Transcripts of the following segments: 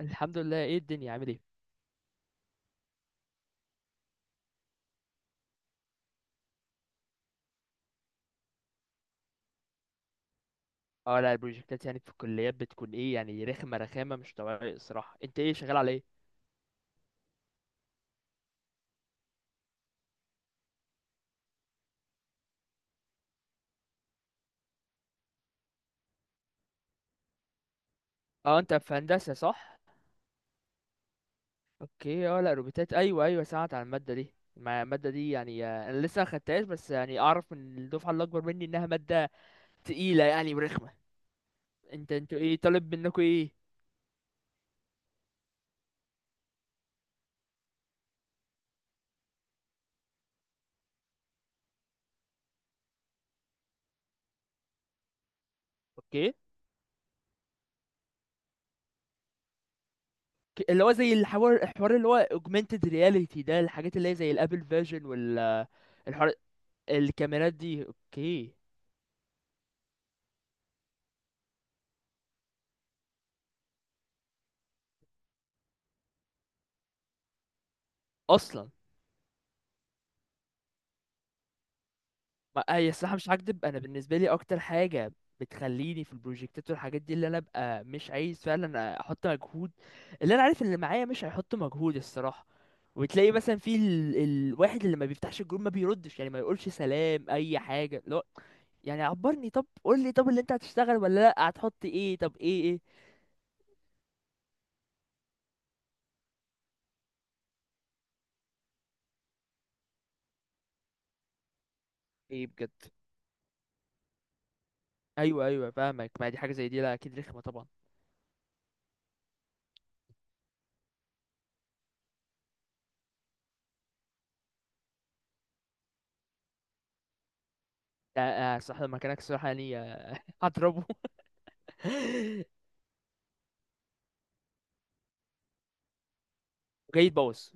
الحمد لله. ايه الدنيا، عامل ايه؟ اه لا البروجكتات يعني في الكليات بتكون ايه، يعني رخامه مش طبيعيه الصراحه. انت ايه شغال، على ايه؟ اه، انت في هندسه صح؟ اوكي. اه لا روبوتات، ايوه ايوه سمعت عن الماده دي. ما الماده دي يعني انا لسه ما خدتهاش، بس يعني اعرف من الدفعه اللي اكبر مني انها ماده تقيله يعني ورخمه. انتوا ايه طالب منكم ايه؟ اوكي. اللي هو زي الحوار اللي هو augmented reality ده، الحاجات اللي هي زي الابل فيجن والحوار، الكاميرات دي، اوكي. اصلا، ما هي الصراحة مش هكدب، أنا بالنسبة لي أكتر حاجة بتخليني في البروجكتات والحاجات دي اللي أنا أبقى مش عايز فعلا أحط مجهود، اللي أنا عارف اللي معايا مش هيحط مجهود الصراحة. وتلاقي مثلا الواحد اللي ما بيفتحش الجروب، ما بيردش، يعني ما يقولش سلام أي حاجة، لا. يعني عبرني، طب قول لي، طب اللي أنت هتشتغل ولا لأ، هتحط إيه، طب إيه إيه؟ ايه بجد؟ أيوه أيوه فاهمك. ما دي حاجة زي دي، لا أكيد رخمة طبعا. لا، الصراحة لو مكانك الصراحة يعني هضربه جاي تبوظ.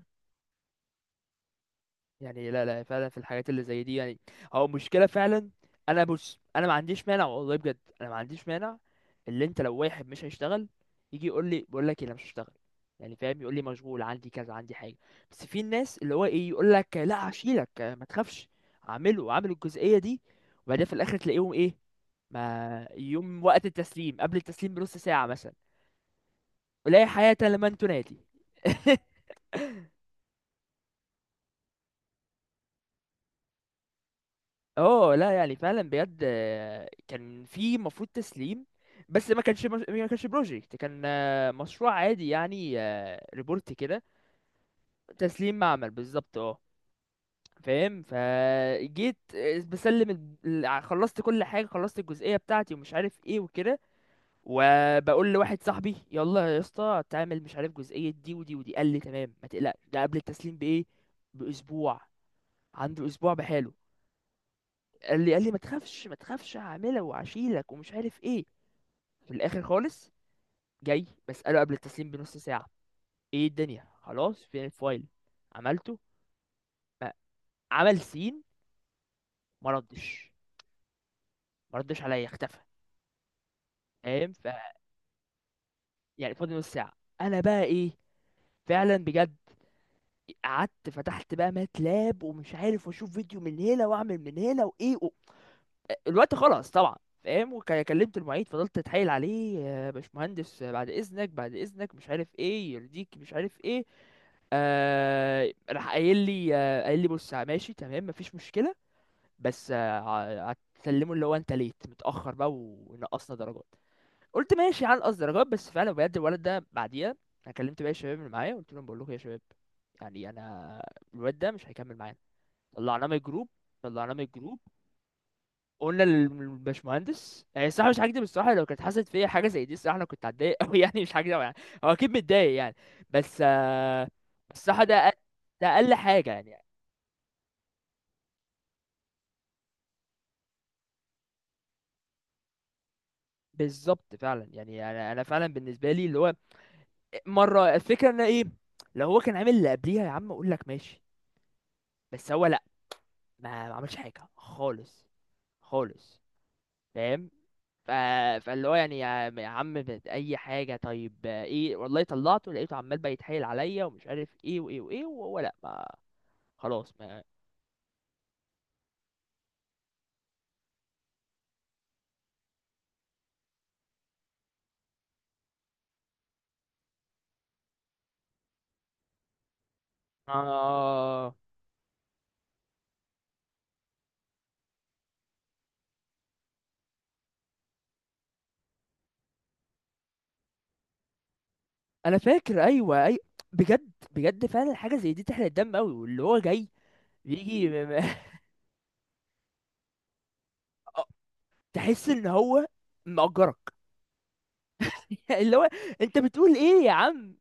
يعني لا لا، فعلا في الحاجات اللي زي دي، يعني هو مشكلة فعلا. انا بص انا ما عنديش مانع، والله بجد انا ما عنديش مانع. اللي انت لو واحد مش هيشتغل، يجي يقول لي، بقول لك إيه، انا مش هشتغل، يعني فاهم، يقول لي مشغول عندي كذا، عندي حاجة. بس في الناس اللي هو ايه، يقول لك لا هشيلك ما تخافش، اعمل الجزئية دي. وبعدين في الاخر تلاقيهم ايه؟ ما يوم وقت التسليم، قبل التسليم بنص ساعة مثلا، ولا حياة لمن تنادي اه لا، يعني فعلا بجد كان في مفروض تسليم، بس ما كانش بروجكت، كان مشروع عادي يعني، ريبورت كده. تسليم معمل بالظبط، اه. فاهم، فجيت بسلم خلصت كل حاجه، خلصت الجزئيه بتاعتي ومش عارف ايه وكده، وبقول لواحد صاحبي، يلا يا اسطى تعمل مش عارف جزئيه دي ودي ودي. قال لي تمام، ما تقلقش، ده قبل التسليم بايه، باسبوع، عنده اسبوع بحاله. قال لي ما تخافش ما تخافش، هعملها وهشيلك ومش عارف ايه. في الاخر خالص، جاي بسأله قبل التسليم بنص ساعة، ايه الدنيا خلاص، فين الفايل، عملته؟ ما- عمل سين، ما ردش ما ردش عليا، اختفى. فاهم، يعني فاضل نص ساعة، انا بقى ايه؟ فعلا بجد، قعدت فتحت بقى ماتلاب ومش عارف، واشوف فيديو من هنا واعمل من هنا وايه، الوقت خلص طبعا. فاهم، وكلمت المعيد، فضلت اتحايل عليه، يا باشمهندس بعد اذنك بعد اذنك، مش عارف ايه يرضيك مش عارف ايه. آه راح قايل لي بص ماشي تمام مفيش مشكله، بس هتسلمه اللي هو انت ليت متاخر بقى ونقصنا درجات. قلت ماشي على نقص درجات، بس فعلا بجد الولد ده بعديها، انا كلمت باقي الشباب اللي معايا، قلت لهم بقول لكم يا شباب، يعني انا، الواد ده مش هيكمل معانا. طلعناه من الجروب، طلعناه من الجروب. قلنا للباشمهندس يعني الصراحه مش هكدب، الصراحه لو كانت حصلت فيا حاجه زي دي الصراحه انا كنت هتضايق قوي يعني مش هكدب يعني. هو اكيد متضايق يعني، بس الصراحه ده ده اقل حاجه يعني. بالظبط، فعلا يعني انا فعلا بالنسبه لي اللي هو، مره الفكره ان ايه، لو هو كان عامل اللي قبليها، يا عم اقول لك ماشي، بس هو لا، ما عملش حاجه خالص، خالص. فاهم، ف... فاللي هو يعني يا عم اي حاجه طيب ايه والله، طلعته لقيته عمال بقى يتحايل عليا ومش عارف ايه وايه وايه، وهو لا ما، خلاص ما آه... انا فاكر، ايوه اي. بجد بجد فعلا حاجه زي دي تحرق الدم قوي، واللي هو جاي بيجي آه، تحس ان هو مأجرك اللي هو انت بتقول ايه يا عم،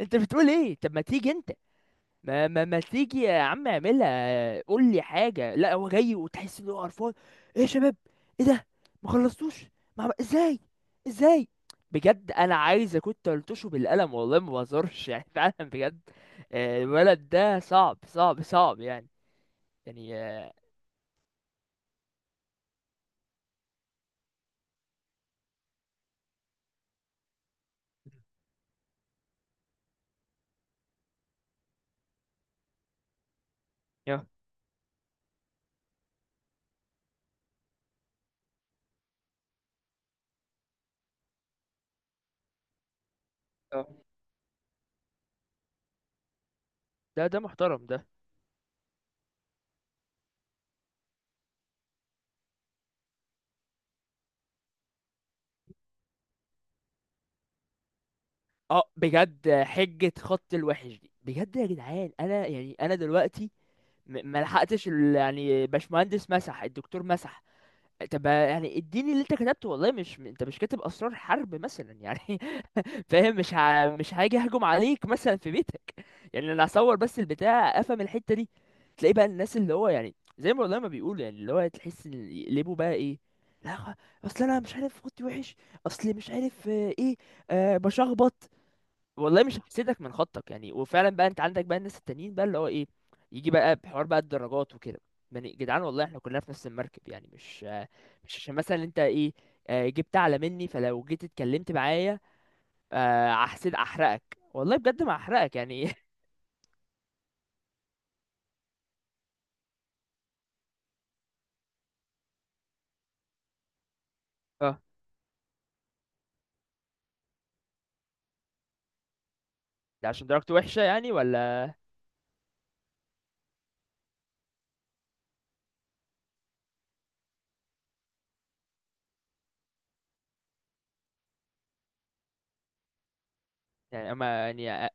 انت بتقول ايه، طب ما تيجي انت، ما تيجي يا عم اعملها، قول لي حاجه، لا هو جاي وتحس ان هو قرفان. ايه يا شباب، ايه ده، ما خلصتوش، ما عم- ازاي، ازاي. بجد انا عايز كنت قلتوشه بالقلم والله ما بهزرش يعني فعلا بجد الولد ده صعب صعب صعب يعني. يعني يا- آه. ده محترم ده. اه بجد، حجة خط الوحش دي بجد يا جدعان، انا يعني انا دلوقتي ما لحقتش يعني باشمهندس مسح، الدكتور مسح. طب يعني اديني اللي انت كتبته، والله مش انت مش كاتب اسرار حرب مثلا يعني فاهم، مش هاجي اهجم عليك مثلا في بيتك، يعني انا هصور بس البتاع افهم الحتة دي. تلاقي بقى الناس اللي هو يعني زي ما والله ما بيقولوا، يعني اللي هو تحس ان يقلبوا بقى ايه، لا اصل انا مش عارف خطي وحش، اصل مش عارف ايه، أه بشخبط. والله مش هحسدك من خطك يعني، وفعلا بقى انت عندك بقى الناس التانيين بقى اللي هو ايه، يجي بقى بحوار بقى الدرجات وكده. يعني جدعان والله احنا كلنا في نفس المركب، يعني مش مش عشان مثلا انت ايه، جبت اعلى مني، فلو جيت اتكلمت معايا هحسد احرقك، والله بجد ما احرقك يعني اه ده عشان درجته وحشة يعني، ولا؟ يعني اما يعني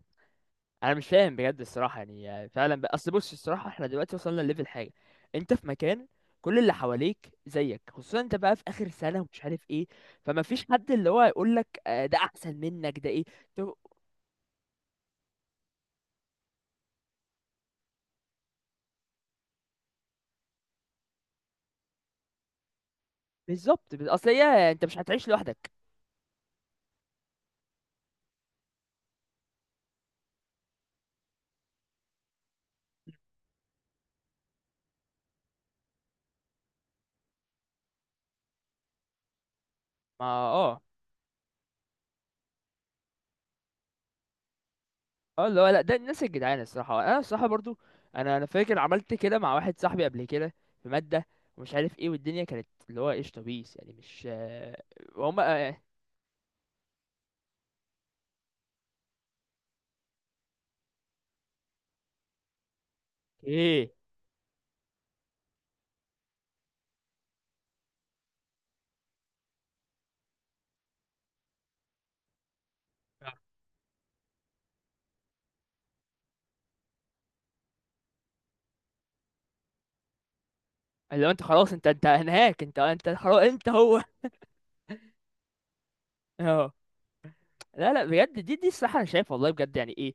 انا مش فاهم بجد الصراحه، يعني فعلا بقى اصل، بص الصراحه احنا دلوقتي وصلنا لليفل حاجه، انت في مكان كل اللي حواليك زيك، خصوصا انت بقى في اخر سنه ومش عارف ايه، فما فيش حد اللي هو يقول لك ده احسن منك، ده ايه. طب، بالظبط اصل هي انت مش هتعيش لوحدك. ما اه. اه اللي هو، لا ده الناس الجدعان الصراحه، انا الصراحه برضو انا فاكر عملت كده مع واحد صاحبي قبل كده في ماده ومش عارف ايه، والدنيا كانت اللي هو ايش طبيس يعني، مش هما ايه اللي هو انت خلاص، انت انت هناك، انت انت خلاص انت هو اه لا لا بجد، دي الصراحه انا شايف والله بجد يعني ايه،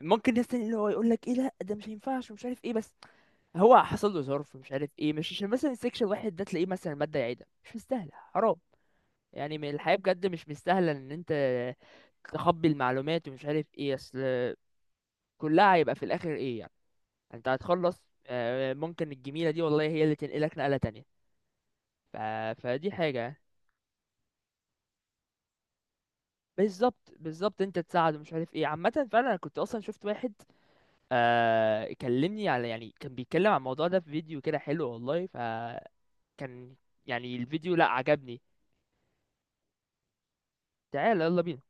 ممكن ناس تاني اللي هو يقول لك ايه لا ده مش هينفعش ومش عارف ايه، بس هو حصل له ظرف مش عارف ايه، مش عشان مثلا السكشن واحد ده تلاقيه مثلا ماده يعيدها، مش مستاهله حرام يعني من الحياه بجد، مش مستاهله ان انت تخبي المعلومات ومش عارف ايه، اصل كلها هيبقى في الاخر ايه يعني، انت هتخلص ممكن الجميله دي والله هي اللي تنقلك نقله تانية. ف... فدي حاجه، بالظبط بالظبط انت تساعده مش عارف ايه. عامه فعلا انا كنت اصلا شفت واحد آه كلمني على يعني، كان بيتكلم عن الموضوع ده في فيديو كده حلو والله، فكان يعني الفيديو لا عجبني. تعالى يلا بينا.